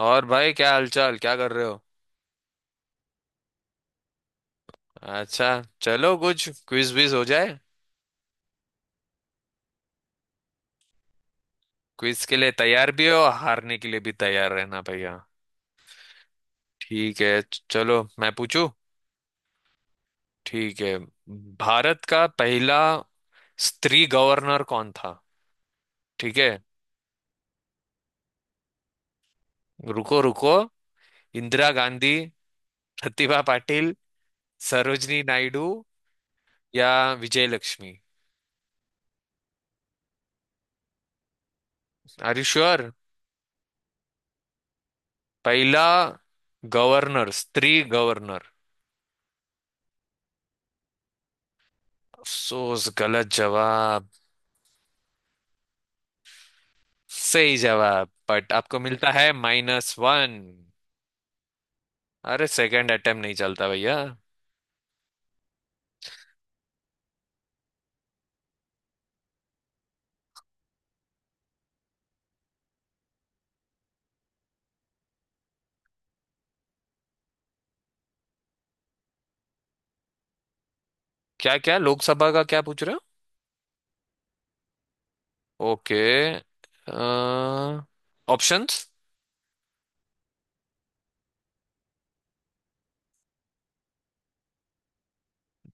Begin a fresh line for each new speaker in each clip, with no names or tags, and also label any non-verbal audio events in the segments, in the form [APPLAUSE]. और भाई, क्या हालचाल? क्या कर रहे हो? अच्छा। चलो, कुछ क्विज विज हो जाए। क्विज के लिए तैयार भी हो और हारने के लिए भी तैयार रहना भैया। ठीक है, चलो मैं पूछूं। ठीक है। भारत का पहला स्त्री गवर्नर कौन था? ठीक है। रुको रुको। इंदिरा गांधी, प्रतिभा पाटिल, सरोजनी नायडू या Vijay Lakshmi? Are you sure? पहला गवर्नर, स्त्री गवर्नर। अफसोस, गलत जवाब। सही जवाब, बट आपको मिलता है माइनस वन। अरे, सेकंड अटेम्प्ट नहीं चलता भैया। क्या क्या लोकसभा का क्या पूछ रहे हो? Okay, options.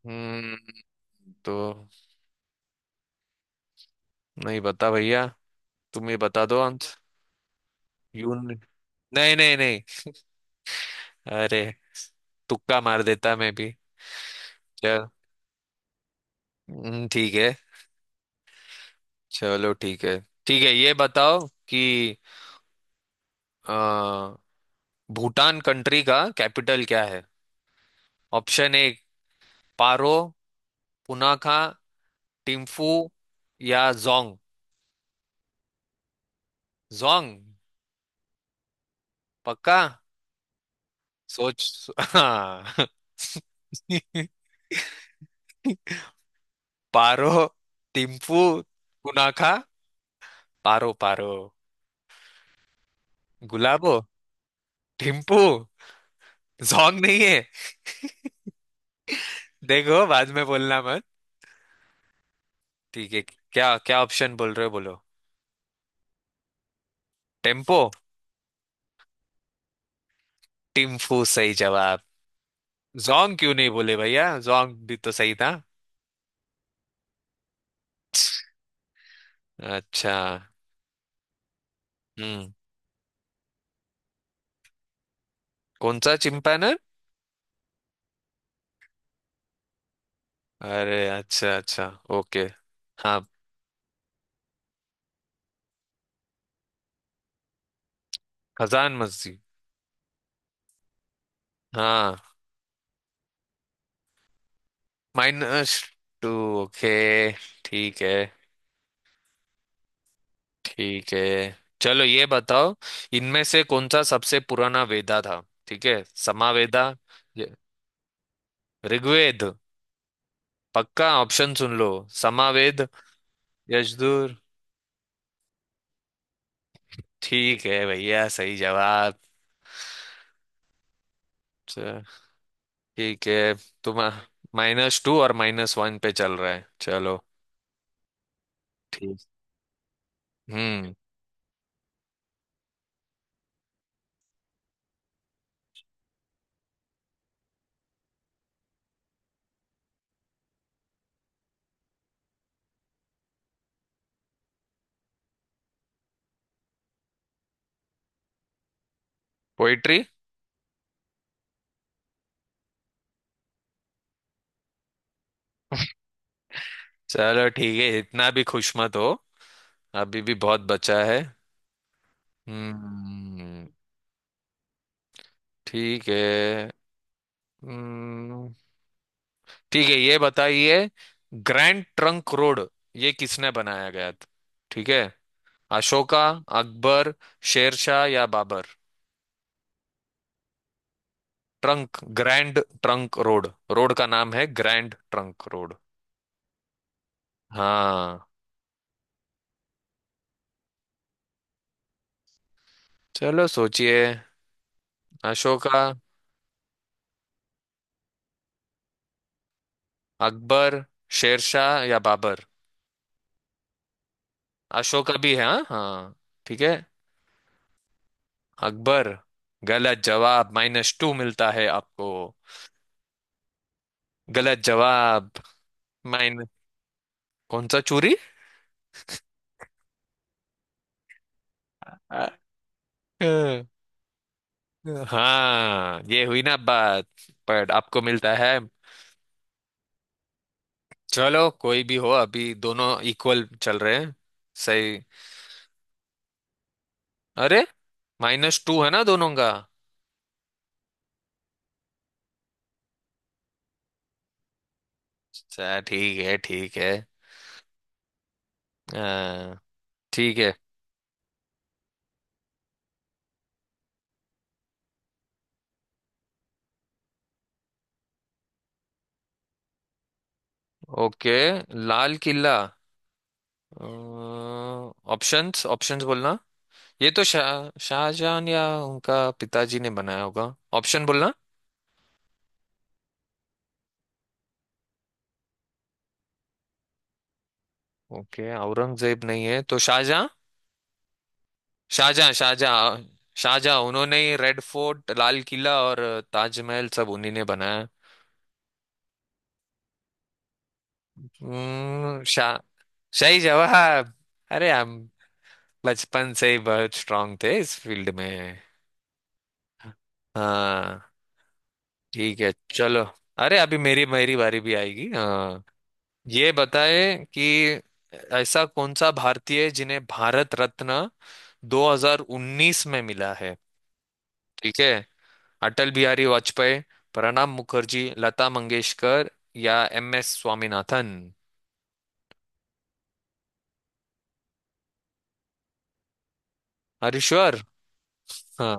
हम्म। तो नहीं बता भैया, तुम ही बता दो अंत। यून नहीं नहीं नहीं। अरे, तुक्का मार देता मैं भी। चल। ठीक है। चलो ठीक है। ठीक है ये बताओ कि अ, भूटान कंट्री का कैपिटल क्या है? ऑप्शन ए, पारो, पुनाखा, टिम्फू या जोंग? जोंग पक्का? हाँ। [LAUGHS] पारो, टिम्फू, पुनाखा, पारो पारो गुलाबो टिम्फू। जोंग नहीं है। देखो, बाद में बोलना मत। ठीक है। क्या क्या ऑप्शन बोल रहे हो, बोलो। टेम्पो? टिम्फू, सही जवाब। जोंग क्यों नहीं बोले भैया, जोंग भी तो सही था। अच्छा। हम्म। कौन सा चिंपैनर? अरे अच्छा अच्छा, ओके। हाँ। खजान मस्जिद। हाँ। Minus two, okay. ठीक है। ठीक है चलो ये बताओ, इनमें से कौन सा सबसे पुराना वेदा था? ठीक है। समावेदा, ये- ऋग्वेद। पक्का? ऑप्शन सुन लो। समावेद, यजुर्। ठीक है भैया, सही जवाब। च- ठीक है। तुम माइनस टू और माइनस वन पे चल रहा है, चलो ठीक। हम्म। पोइट्री। चलो ठीक है, इतना भी खुश मत हो। अभी भी बहुत बचा है। हम्म। ठीक है। हम्म। ठीक है ये बताइए, ग्रैंड ट्रंक रोड ये किसने बनाया गया था? ठीक है। अशोका, अकबर, शेरशाह या Babur? Trunk, grand trunk road. Road का नाम है ग्रैंड ट्रंक रोड। हाँ। चलो सोचिए। अशोका, अकबर, शेरशाह या बाबर? अशोका भी है, हाँ हाँ। ठीक है, अकबर। गलत जवाब, माइनस टू मिलता है आपको। गलत जवाब। माइन कौन सा चूरी? आ, अ, हाँ, ये हुई ना बात। पर आपको मिलता है। चलो, कोई भी हो, अभी दोनों इक्वल चल रहे हैं। सही। अरे, माइनस टू है ना दोनों का। अच्छा, ठीक है ठीक है। हाँ, ठीक है। Okay, Lal Qila. Options, options बोलना। ये तो शाहजहां या उनका पिताजी ने बनाया होगा। ऑप्शन बोलना। ओके, औरंगजेब नहीं है तो शाहजहां। शाहजहां शाहजहां। शाहजहां, उन्होंने ही रेड फोर्ट, लाल किला और ताजमहल सब उन्हीं ने बनाया। शाह, सही जवाब। अरे हम बचपन से ही बहुत स्ट्रांग थे इस फील्ड में। हाँ। ठीक है। चलो। अरे, अभी मेरी मेरी बारी भी आएगी। हाँ। ये बताए कि ऐसा कौन सा भारतीय है जिन्हें भारत रत्न 2019 में मिला है? ठीक है। अटल बिहारी वाजपेयी, प्रणब मुखर्जी, लता मंगेशकर या एम एस स्वामीनाथन? हरीश्वर? हाँ,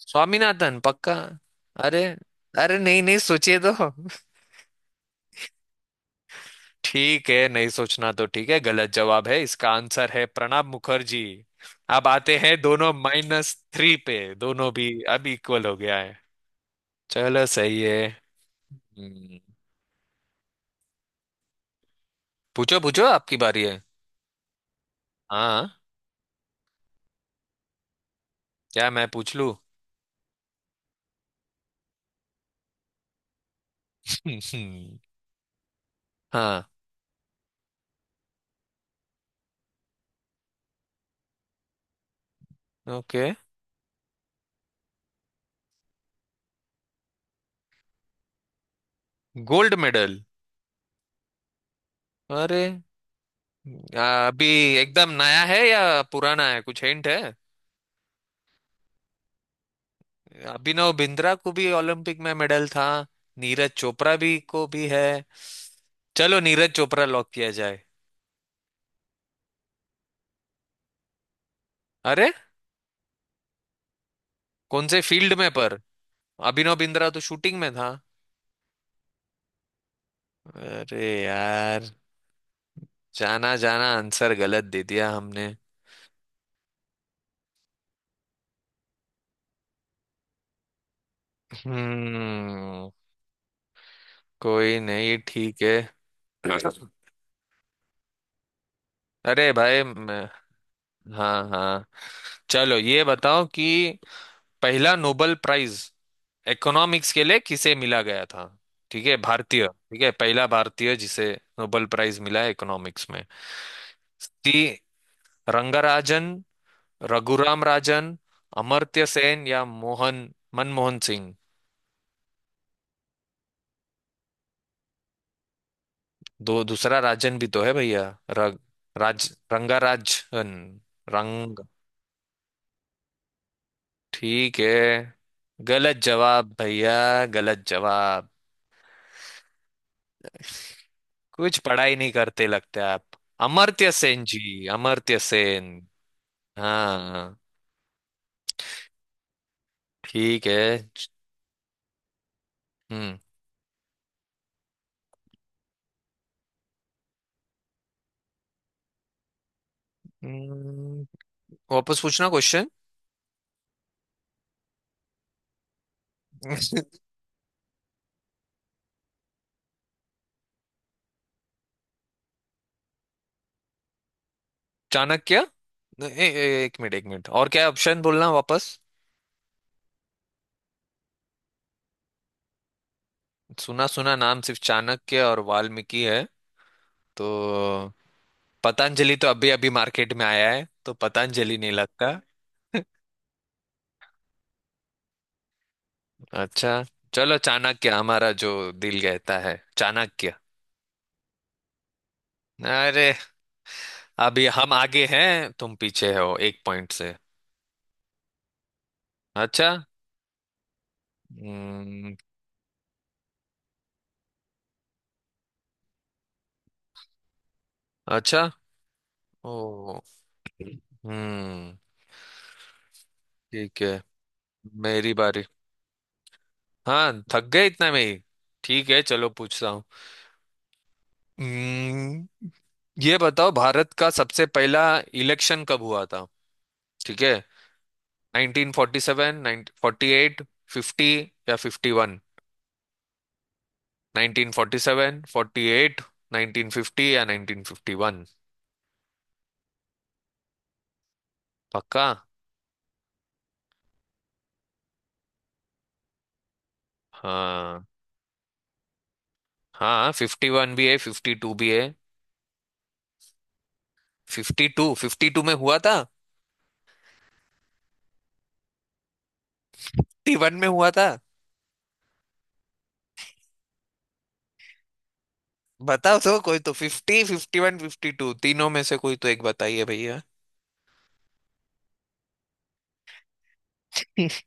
स्वामीनाथन पक्का। अरे, अरे नहीं नहीं सोचिए तो। [LAUGHS] ठीक है, नहीं सोचना तो ठीक है। गलत जवाब है, इसका आंसर है प्रणब मुखर्जी। अब आते हैं दोनों माइनस थ्री पे, दोनों भी। अब इक्वल हो गया है। चलो, सही है। हम्म, पूछो पूछो आपकी बारी है। हाँ। क्या मैं पूछ लूँ? [LAUGHS] हाँ। Okay, gold medal. अरे, अभी एकदम नया है या पुराना है, कुछ हिंट है? अभिनव बिंद्रा को भी ओलंपिक में मेडल था, नीरज चोपड़ा भी को भी है। चलो, नीरज चोपड़ा लॉक किया जाए। अरे, कौन से फील्ड में पर? अभिनव बिंद्रा तो शूटिंग में था। अरे यार, जाना जाना, आंसर गलत दे दिया हमने। हम्म। कोई नहीं, ठीक है। अरे भाई मैं। हाँ हाँ। चलो ये बताओ कि पहला नोबेल प्राइज इकोनॉमिक्स के लिए किसे मिला गया था? ठीक है, भारतीय, ठीक है। पहला भारतीय जिसे नोबेल प्राइज मिला है इकोनॉमिक्स में। सी रंगराजन, रघुराम राजन, अमर्त्य सेन या मोहन, मनमोहन सिंह? दो, दूसरा राजन भी तो है भैया। रग राज रंगा राजन। रंग ठीक है। गलत जवाब भैया, गलत जवाब। कुछ पढ़ाई नहीं करते लगते आप। अमर्त्य सेन जी, अमर्त्य सेन। हाँ। ठीक है। हम्म। हम्म, वापस पूछना क्वेश्चन। चाणक्य। ए, ए, एक मिनट एक मिनट। और क्या ऑप्शन बोलना वापस? सुना सुना नाम सिर्फ चाणक्य और वाल्मीकि है, तो पतंजलि तो अभी अभी मार्केट में आया है तो पतंजलि नहीं लगता। [LAUGHS] अच्छा। चलो चाणक्य, हमारा जो दिल कहता है, चाणक्य। अरे, अभी हम आगे हैं तुम पीछे हो एक पॉइंट से। अच्छा। हम्म, अच्छा। ओ। हम्म। ठीक है, मेरी बारी। हाँ, थक गए इतना में ही? ठीक है चलो पूछता हूँ। हम्म, ये बताओ भारत का सबसे पहला इलेक्शन कब हुआ था? ठीक है। 1947, 48, 50 या 51? 1947, 48, 1950 या 1951? पक्का? हाँ। हाँ, 51 भी है, 52 भी है। 52, 52 में हुआ था, 51 में हुआ था। बताओ तो, कोई तो 50, 51, 52 तीनों में से कोई तो एक बताइए भैया। [LAUGHS]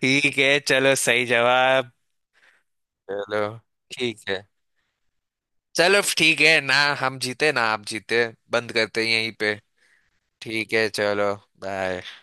ठीक है चलो, सही जवाब। चलो ठीक है। चलो ठीक है ना। हम जीते ना आप जीते, बंद करते हैं यहीं पे। ठीक है चलो, बाय।